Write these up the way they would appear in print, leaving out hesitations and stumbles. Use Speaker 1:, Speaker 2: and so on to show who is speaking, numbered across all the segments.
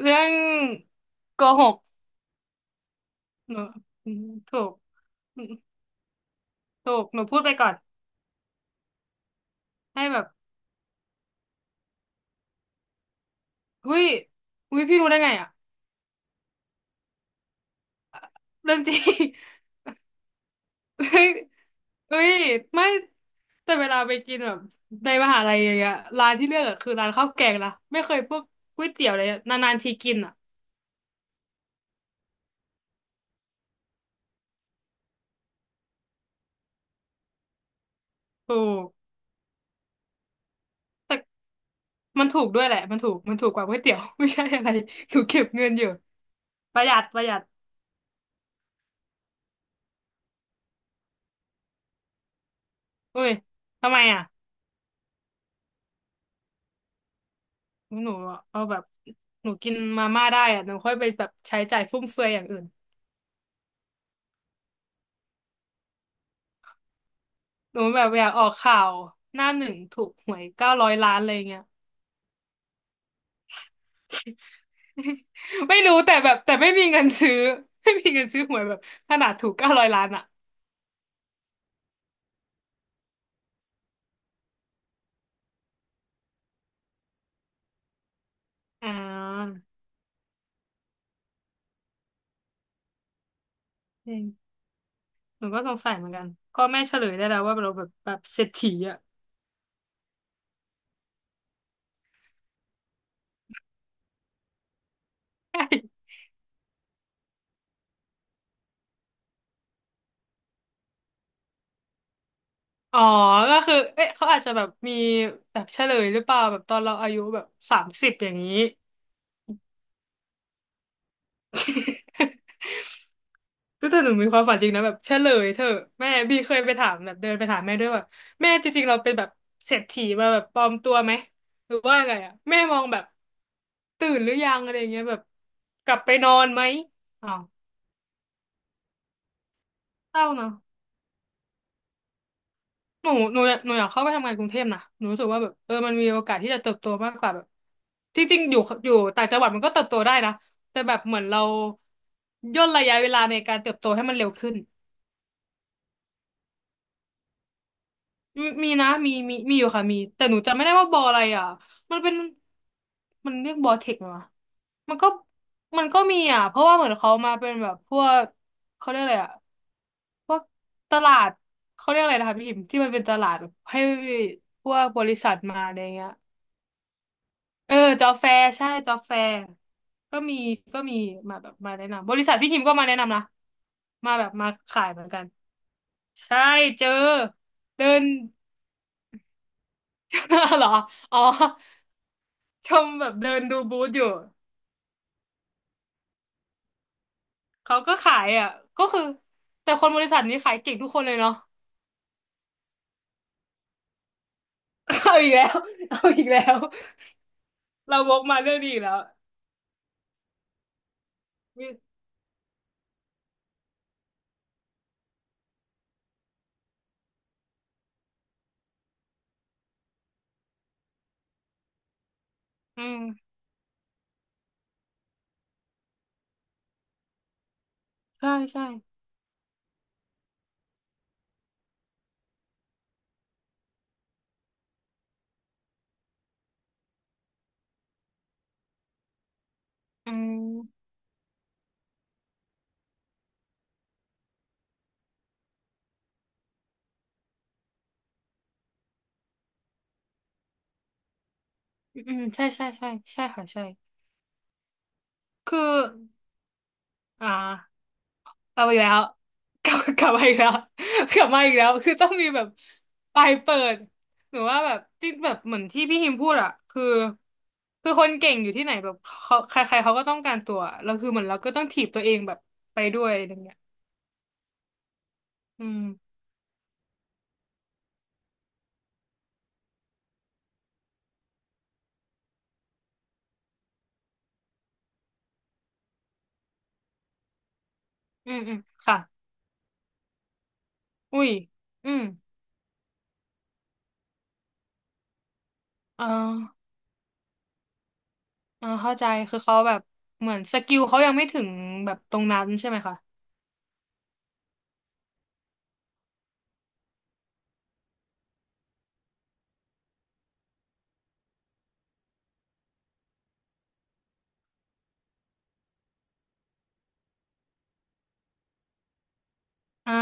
Speaker 1: เรื่องโกหกหนูอืมถูกอืมถูกหนูพูดไปก่อนให้แบบอุ้ยอุ้ยพี่รู้ได้ไงอะเรื่องจริง เฮ้ยเฮ้ยไม่แต่เวลาไปกินแบบในมหาลัยอย่างเงี้ยร้านที่เลือกอะคือร้านข้าวแกงนะไม่เคยพวกก๋วยเตี๋ยวเลยอะนานๆทีกินอะถูกแต่มันถูกด้วยแหละมันถูกกว่าก๋วยเตี๋ยว ไม่ใช่อะไร หนูเก็บเงินอยู่ประหยัดประหยัดอุ้ยทำไมอะ หนูเอาแบบหนูกินมาม่าได้อะหนูค่อยไปแบบใช้จ่ายฟุ่มเฟือยอย่างอื่นหนูแบบอยากออกข่าวหน้าหนึ่งถูกหวยเก้าร้อยล้านอะไรเงี้ย ไม่รู้แต่แบบไม่มีเงินซื้อ ไม่มีเงินซื้อหวยแบบขนาดถูกเก้าร้อยล้านอ่ะอ่าจริงหนูก็สงสัยเหมือนกันพ่อแม่เฉลยได้แล้วว่าเราแบบเศรษฐีอ่ะ อ๋อก็คือเอ๊ะเขาอาจจะแบบมีแบบเฉลยหรือเปล่าแบบตอนเราอายุแบบ30อย่างนี้ ก็แต่หนูมีความฝันจริงนะแบบเฉลยเธอะแม่บีเคยไปถามแบบเดินไปถามแม่ด้วยว่าแม่จริงๆเราเป็นแบบเศรษฐีมาแบบปลอมตัวไหมหรือว่าไงอ่ะแม่มองแบบตื่นหรือยังอะไรเงี้ยแบบกลับไปนอนไหมอ้าวเศร้าเนาะหนูอยากเข้าไปทำงานกรุงเทพนะหนูรู้สึกว่าแบบเออมันมีโอกาสที่จะเติบโตมากกว่าแบบจริงๆอยู่ต่างจังหวัดมันก็เติบโตได้นะแต่แบบเหมือนเราย่นระยะเวลาในการเติบโตให้มันเร็วขึ้น มีนะมีอยู่ค่ะมีแต่หนูจำไม่ได้ว่าบออะไรอ่ะมันเป็นมันเรียกบอเทคไหมวะมันก็มันก็มีอ่ะเพราะว่าเหมือนเขามาเป็นแบบพวกเขาเรียกอะไรอ่ะพวกตลาดเขาเรียกอะไรนะคะพี่พิมพ์ที่มันเป็นตลาดแบบให้พวกบริษัทมาอะไรเงี้ยเออจอแฟร์ใช่จอแฟร์ก็มีก็มีมาแบบมาแนะนำบริษัทพี่พิมพ์ก็มาแนะนำนะมาแบบมาขายเหมือนกันใช่เจอเดิน เหรอ อ๋อ ชมแบบเดินดูบูธอยู่ เขาก็ขายอ่ะ ก็คือแต่คนบริษัทนี้ขายเก่งทุกคนเลยเนาะ เอาอีกแล้ว เอาอีกแล้ว เราวกมาเรื่องนี้อีกแล้วมีอืมใช่ใช่อืมอืมอืมใช่ใช่ใช่ใช่ค่ะใช่คืออ่า กลับมาอีกแล้วกลับมาอีกแล้ว กลับมาอีกแล้ว คือต้องมีแบบปลายเปิดหรือว่าแบบที่แบบเหมือนที่พี่ฮิมพูดอะคือคนเก่งอยู่ที่ไหนแบบเขาใครๆเขาก็ต้องการตัว แล้วคือเหมือนเราก็ต้องถีบตัวเองแบบไปด้วยอะไรเงี้ยอืมอืมอืมค่ะอุ้ยอืมเออเออเข้าใจ คือเขาแบบเหมือนสกิลเขายังไม่ถึงแบบตรงนั้นใช่ไหมคะอ่า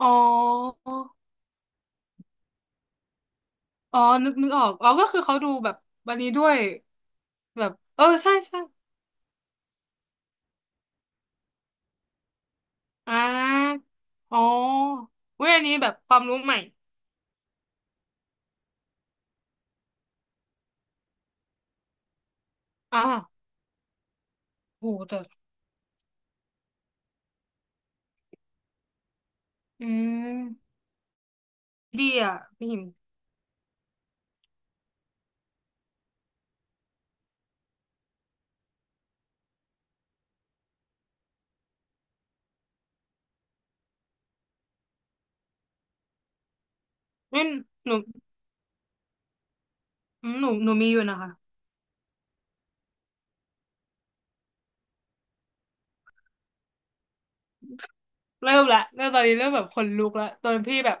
Speaker 1: อ๋ออ๋อนึกออกอ๋อก็คือเขาดูแบบวันนี้ด้วย แบบเออใช่ใช่อ่าอ๋อเว้ยอันนี้แบบความรู้ใหม่อ่าโหแต่อืมดีอ่ะพี่หิมนี่หนูอืมหนูมีอยู่นะคะเริ่มละเริ่มตอนนี้เริ่มแบบขนลุกละตอนพี่แบบ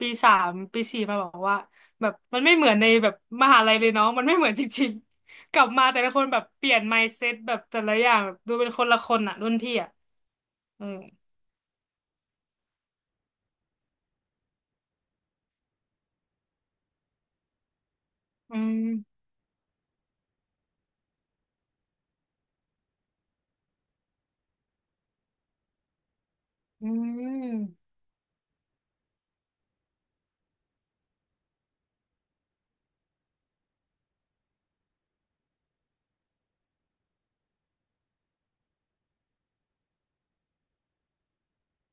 Speaker 1: ปีสามปีสี่มาบอกว่าแบบมันไม่เหมือนในแบบมหาลัยเลยเนาะมันไม่เหมือนจริงๆกลับมาแต่ละคนแบบเปลี่ยน mindset แบบแต่ละอย่างแบบดูเป็นคนละคนอ่ะรุ่นพี่อ่ะเอออืมอืม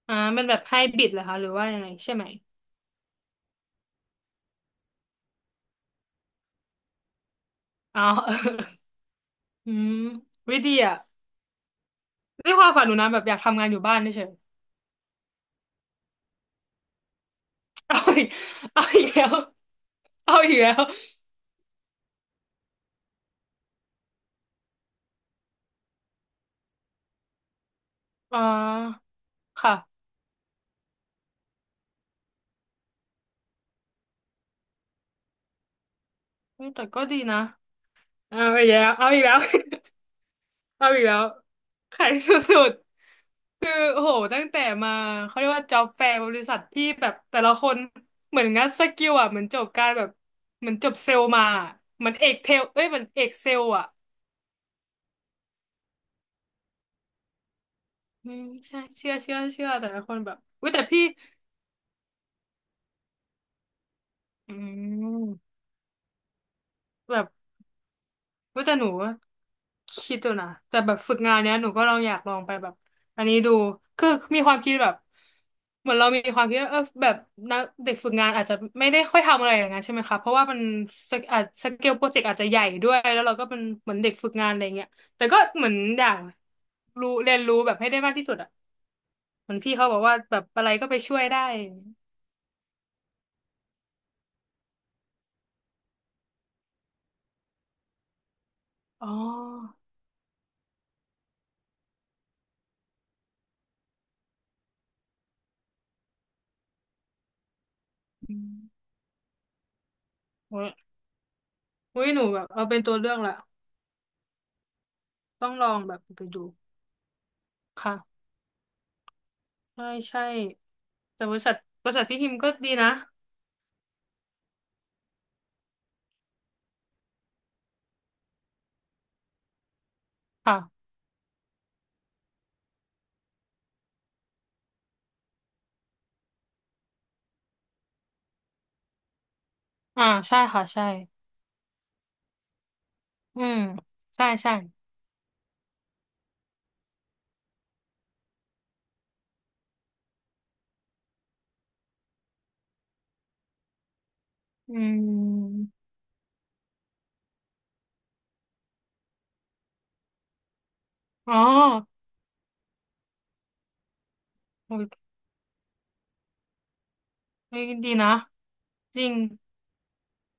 Speaker 1: อ่ามันแบบไฮบริดเหรอคะหรือว่ายังไงใช่ไหม อ๋อเออ อืมวิธีอ่ะนี่ความฝันหนูนะแบบอยากทำงานอยู่บ้านเฉยๆ เอาอีกเอาอีกแล้วเอาอีกแล้วอ่าค่ะเฮ้ยแต่ก็ดีนะเอาอีกแล้วเอาอีกแล้ว เอาอีกแล้วขายสุดๆคือโอ้โหตั้งแต่มาเขาเรียกว่าจ็อบแฟร์บริษัทที่แบบแต่ละคนเหมือนงัดสกิลอ่ะเหมือนจบการแบบเหมือนจบเซลล์มาอะเหมือนเอกเทลเอ้ยเหมือนเอกเซลล์อ่ะอืมใช่เชื่อเชื่อแต่ละคนแบบอุ้ยแต่พี่อืม แบบเว้ยแต่หนูคิดดูนะแต่แบบฝึกงานเนี้ยหนูก็ลองอยากลองไปแบบอันนี้ดูคือมีความคิดแบบเหมือนเรามีความคิดว่าเออแบบนักเด็กฝึกงานอาจจะไม่ได้ค่อยทำอะไรอย่างนั้นใช่ไหมคะเพราะว่ามันสเกอาจสเกลโปรเจกต์อาจจะใหญ่ด้วยแล้วเราก็เป็นเหมือนเด็กฝึกงานอะไรเงี้ยแต่ก็เหมือนอยากรู้เรียนรู้แบบให้ได้มากที่สุดอ่ะเหมือนพี่เขาบอกว่าแบบอะไรก็ไปช่วยได้อ๋ออืมโอ้ยอุ๊ยหนูแบบเอาเป็นตัวเลือกละต้องลองแบบไปดูค่ะ ใช่ใช่แต่บริษัทพี่ฮิมก็ดีนะค่ะอ่าใช่ค่ะใช่อืมใช่ใช่อืมอ๋อโอ้ยเฮ้ยดีนะจริง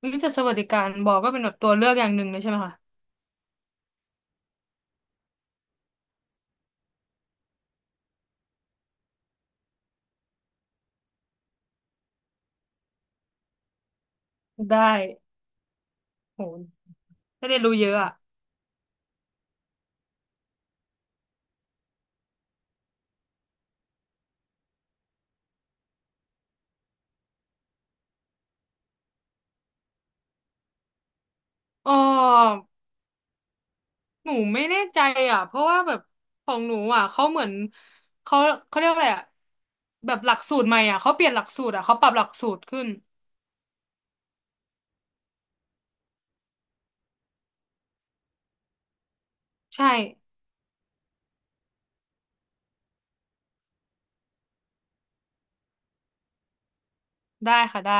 Speaker 1: วิทยสวัสดิการบอกก็เป็นแบบตัวเลือกอย่างหนึ่งเลยใช่ไหมคะได้โหได้เรียนรู้เยอะอ่ะอ๋อหนูไม่แน่ใจอ่ะเพราะว่าแบบของหนูอ่ะเขาเหมือนเขาเขาเรียกว่าอะไรอ่ะแบบหลักสูตรใหม่อ่ะเขาเปลี่ยนหลักสูตรอ่ะเขาปรับหลักสูตรขึ้นใช่ได้ค่ะได้